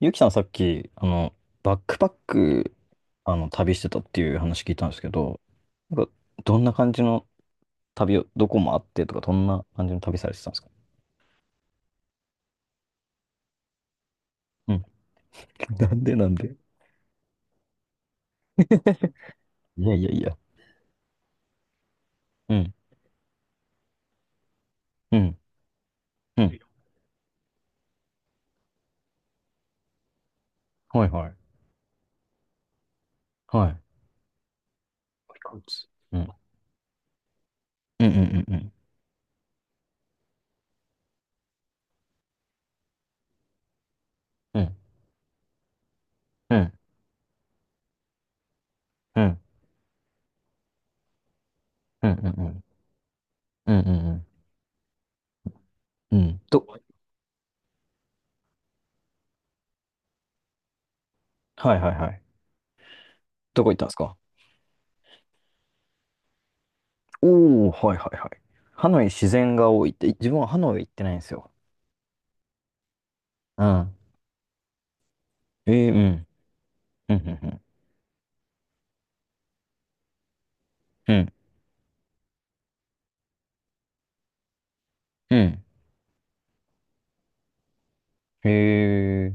ゆきさんさっき、バックパック、旅してたっていう話聞いたんですけど、なんか、どんな感じの旅を、どこもあってとか、どんな感じの旅されてたんですか？うん。なんで。いやいやいや。うん。うん。うん。はいはい。はい。ピカイチうん。うんうんうんうん。うん。うん。うんうんうん。うんうんうん。うん。はいはいはい。どこ行ったんですか？おー、はいはいはい。ハノイ自然が多いって、自分はハノイ行ってないんですよ。うん。えー、うん。うん、うん、うん、うん、うん。へえ。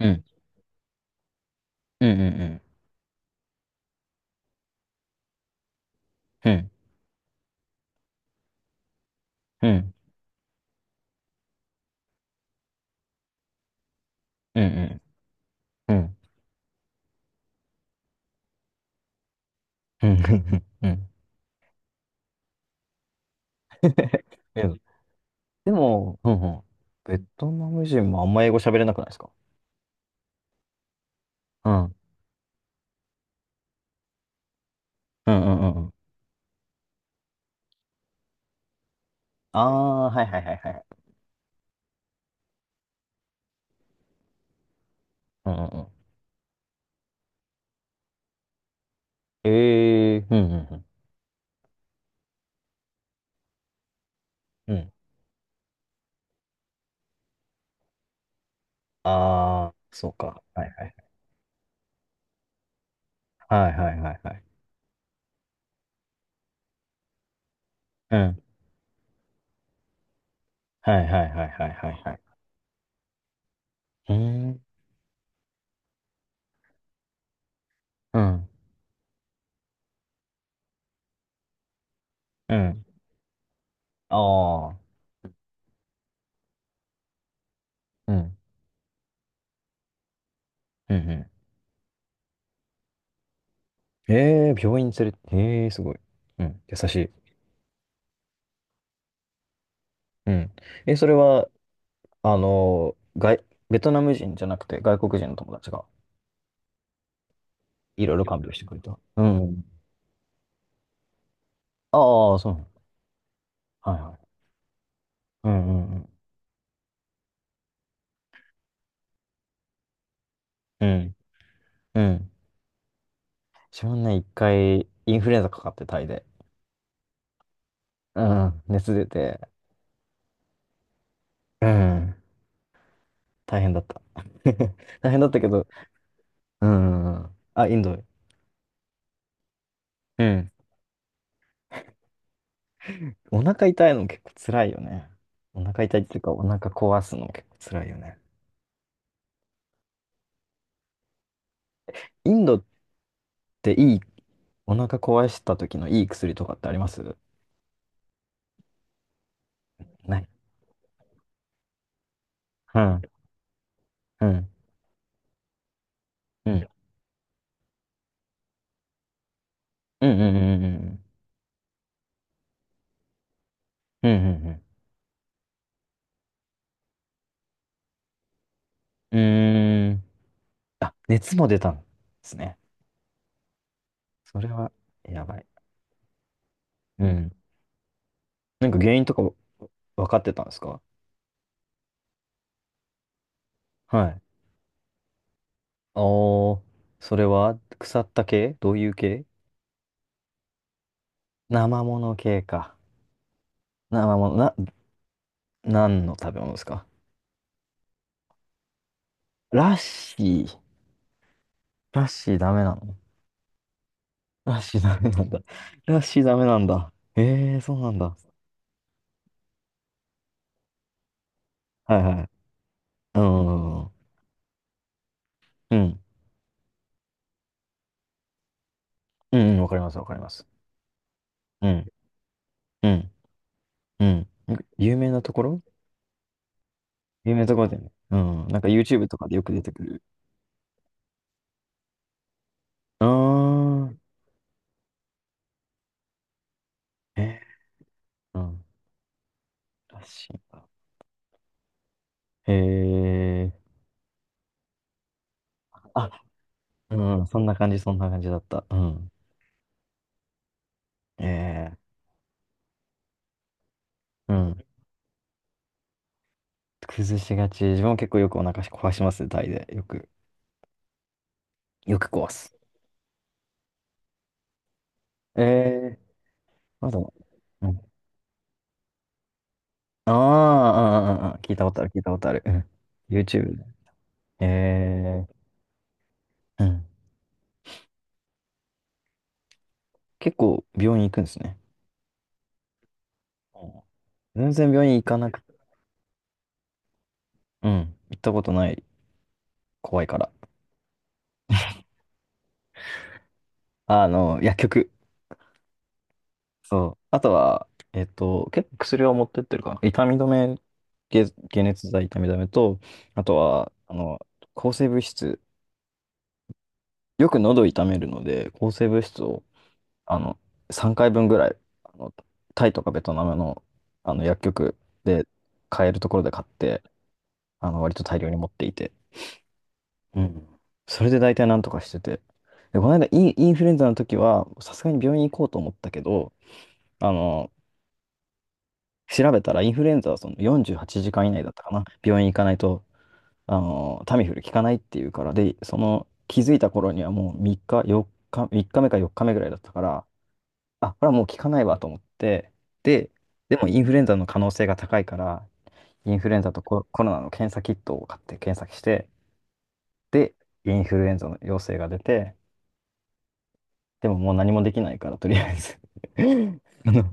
うん、うん、うん、うん、うん、うん、うん、うん、うん、うん。え、でも、うんうん。ベトナム人もあんま英語喋れなくないですか？うん、うん、うん、うんうん。ああ、はいはいはいはい。うんうんうん。ええ、うん、うん、うん。うん。ああ、そうか。はいはい。はいはいはいはい。うん。はいはいはいはいはいはい。うーん。うん。うん。ああ。うん。うん。うん。ええ、病院連れて、ええすごい。うん、優しい。うん。え、それは、あの、外、ベトナム人じゃなくて外国人の友達がいろいろ看病してくれた。うん。ああ、そう。はいはい。うんうんうん。うん。うん。自分ね、一回インフルエンザかかってタイで。うん。熱出て。うん。大変だった。大変だったけど。うん。あ、インドへ。うん。お腹痛いの結構辛いよね。お腹痛いっていうか、お腹壊すの結構辛いよね。インドっていい、お腹壊した時のいい薬とかってあります？ない。うん、うん、うん、うん、うん、うん、うん、うん、うん、うん。うーん。あ、熱も出たんですね。それは、やばい。うん。なんか原因とか分かってたんですか？はい。おー、それは、腐った系？どういう系？生もの系か。生もの、な、何の食べ物ですか？ラッシー。ラッシーダメなの？ラッシーダメなんだ。ラッシーダメなんだ。ええー、そうなんだ。はいはい。うん。うん。うん、うん、わかります、わかります。うん。うん。うん。有名なところ？有名なところだよね。うん。なんか YouTube とかでよく出てくる。うーん。えー、うん。ラッシー。へえ。あ、うん。そんな感じ、そんな感じだった。うん。ええー。うん。崩しがち。自分も結構よくお腹壊しますね、タイで。よく。よく壊す。ええー。まだ。うん。ああ、ああ、ああ聞いたことある、聞いたことある。うん。 YouTube ね。えー、うん。結構病院行くんですね。うん、全然病院行かなく、うん。行ったことない。怖いから。あの、薬局。そう。あとは、結構薬を持ってってるかな。痛み止め、解熱剤、痛み止めと、あとは、あの、抗生物質。よく喉痛めるので、抗生物質を、あの、3回分ぐらい、あの、タイとかベトナムの、あの、薬局で買えるところで買って、あの、割と大量に持っていて。うん。それで大体なんとかしてて。で、この間イン、インフルエンザの時は、さすがに病院行こうと思ったけど、あの、調べたらインフルエンザはその48時間以内だったかな。病院行かないと、あの、タミフル効かないっていうから、で、その、気づいた頃にはもう3日、4日、3日目か4日目ぐらいだったから、あ、これはもう効かないわと思って、で、でもインフルエンザの可能性が高いから、インフルエンザとコ、コロナの検査キットを買って検索して、で、インフルエンザの陽性が出て、でももう何もできないから、とりあえず、 あの、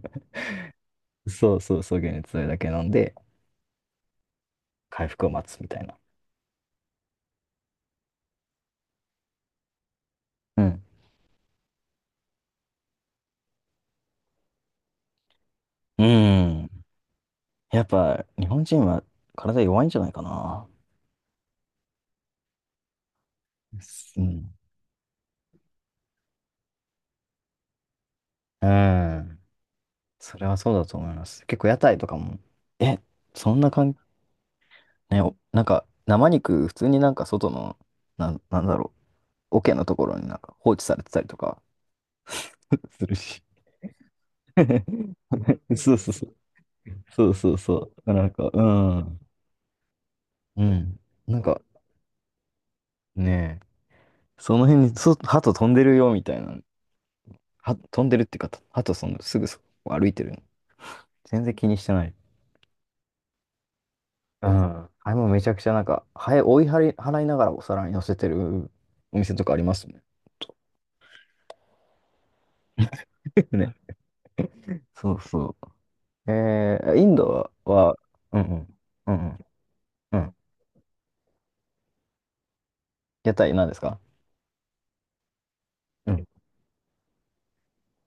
そうそうそう、解熱剤だけ飲んで、回復を待つみたいな。うん。うーん。やっぱ、日本人は体弱いんじゃないかな。うん。うん。それはそうだと思います。結構屋台とかも、え、そんな感ね、なんか生肉、普通になんか外の、なんだろう、桶のところになんか放置されてたりとか、 するし。 そうそうそう。そうそうそう。なんか、うん。うん。なんかね、その辺に鳩飛んでるよみたいな。飛んでるっていうか、鳩そのすぐそこ歩いてるの。全然気にしてない。うん。あれもめちゃくちゃなんか、ハエ追い払い、払いながらお皿に乗せてるお店とかありますね。ね。そうそう。えー、インドは、うんうん、うんうん、うん。屋台何ですか？うん。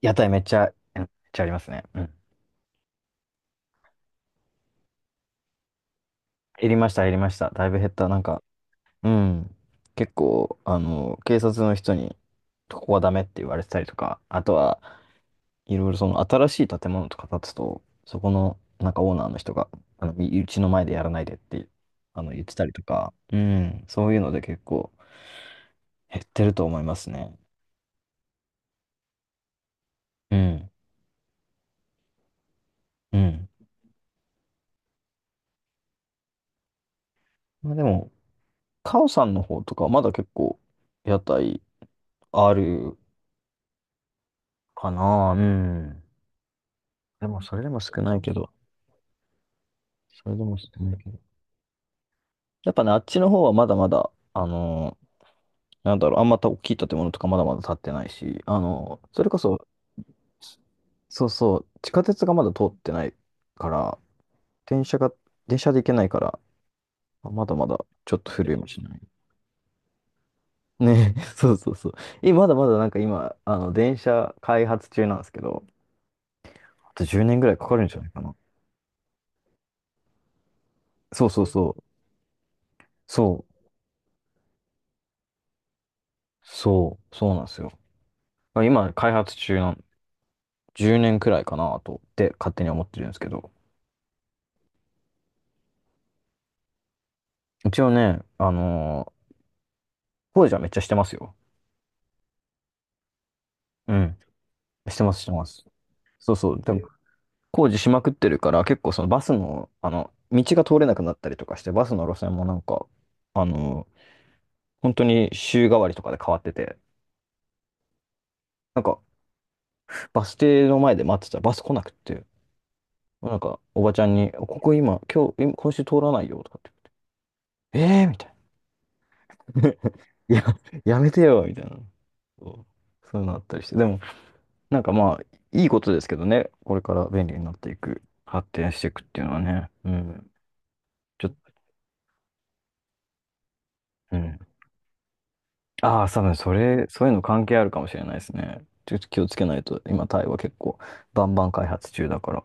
屋台めっちゃ、うん、めっちゃありますね。うん。減りました、減りました。だいぶ減った。なんか、うん。結構、あの、警察の人に、ここはダメって言われてたりとか、あとは、いろいろその新しい建物とか建つと、そこの、なんかオーナーの人が、あの、みうちの前でやらないでって、あの、言ってたりとか、うん。そういうので結構減ってると思いますね。うん。うん。まあでも、カオさんの方とか、まだ結構、屋台あるかな。うん。でも、それでも少ないけど、それでも少ないけど。やっぱね、あっちの方はまだまだ、あのー、なんだろう、あんまた大きい建物とかまだまだ建ってないし、あのーそれこそ、そうそう、地下鉄がまだ通ってないから、電車が、電車で行けないから、まだまだちょっと古いもしない。ね、そうそうそう。え、まだまだなんか今、あの、電車開発中なんですけど、あと10年ぐらいかかるんじゃないかな。そうそうそう。そう。そう。そうなんですよ。今、開発中なん、10年くらいかなと、って勝手に思ってるんですけど。一応ね、あのー、工事はめっちゃしてますよ。うん。してます、してます。そうそう。でも、工事しまくってるから、結構そのバスの、あの、道が通れなくなったりとかして、バスの路線もなんか、あのー、本当に週替わりとかで変わってて、なんか、バス停の前で待ってたらバス来なくって、なんか、おばちゃんに、ここ今、今日、今今週通らないよとかって、えーみたいな。いや、やめてよ、みたいな。そう、そういうのあったりして。でも、なんかまあ、いいことですけどね。これから便利になっていく、発展していくっていうのはね。うん。ちょっと、うん。ああ、多分それ、そういうの関係あるかもしれないですね。ちょっと気をつけないと、今、タイは結構、バンバン開発中だから。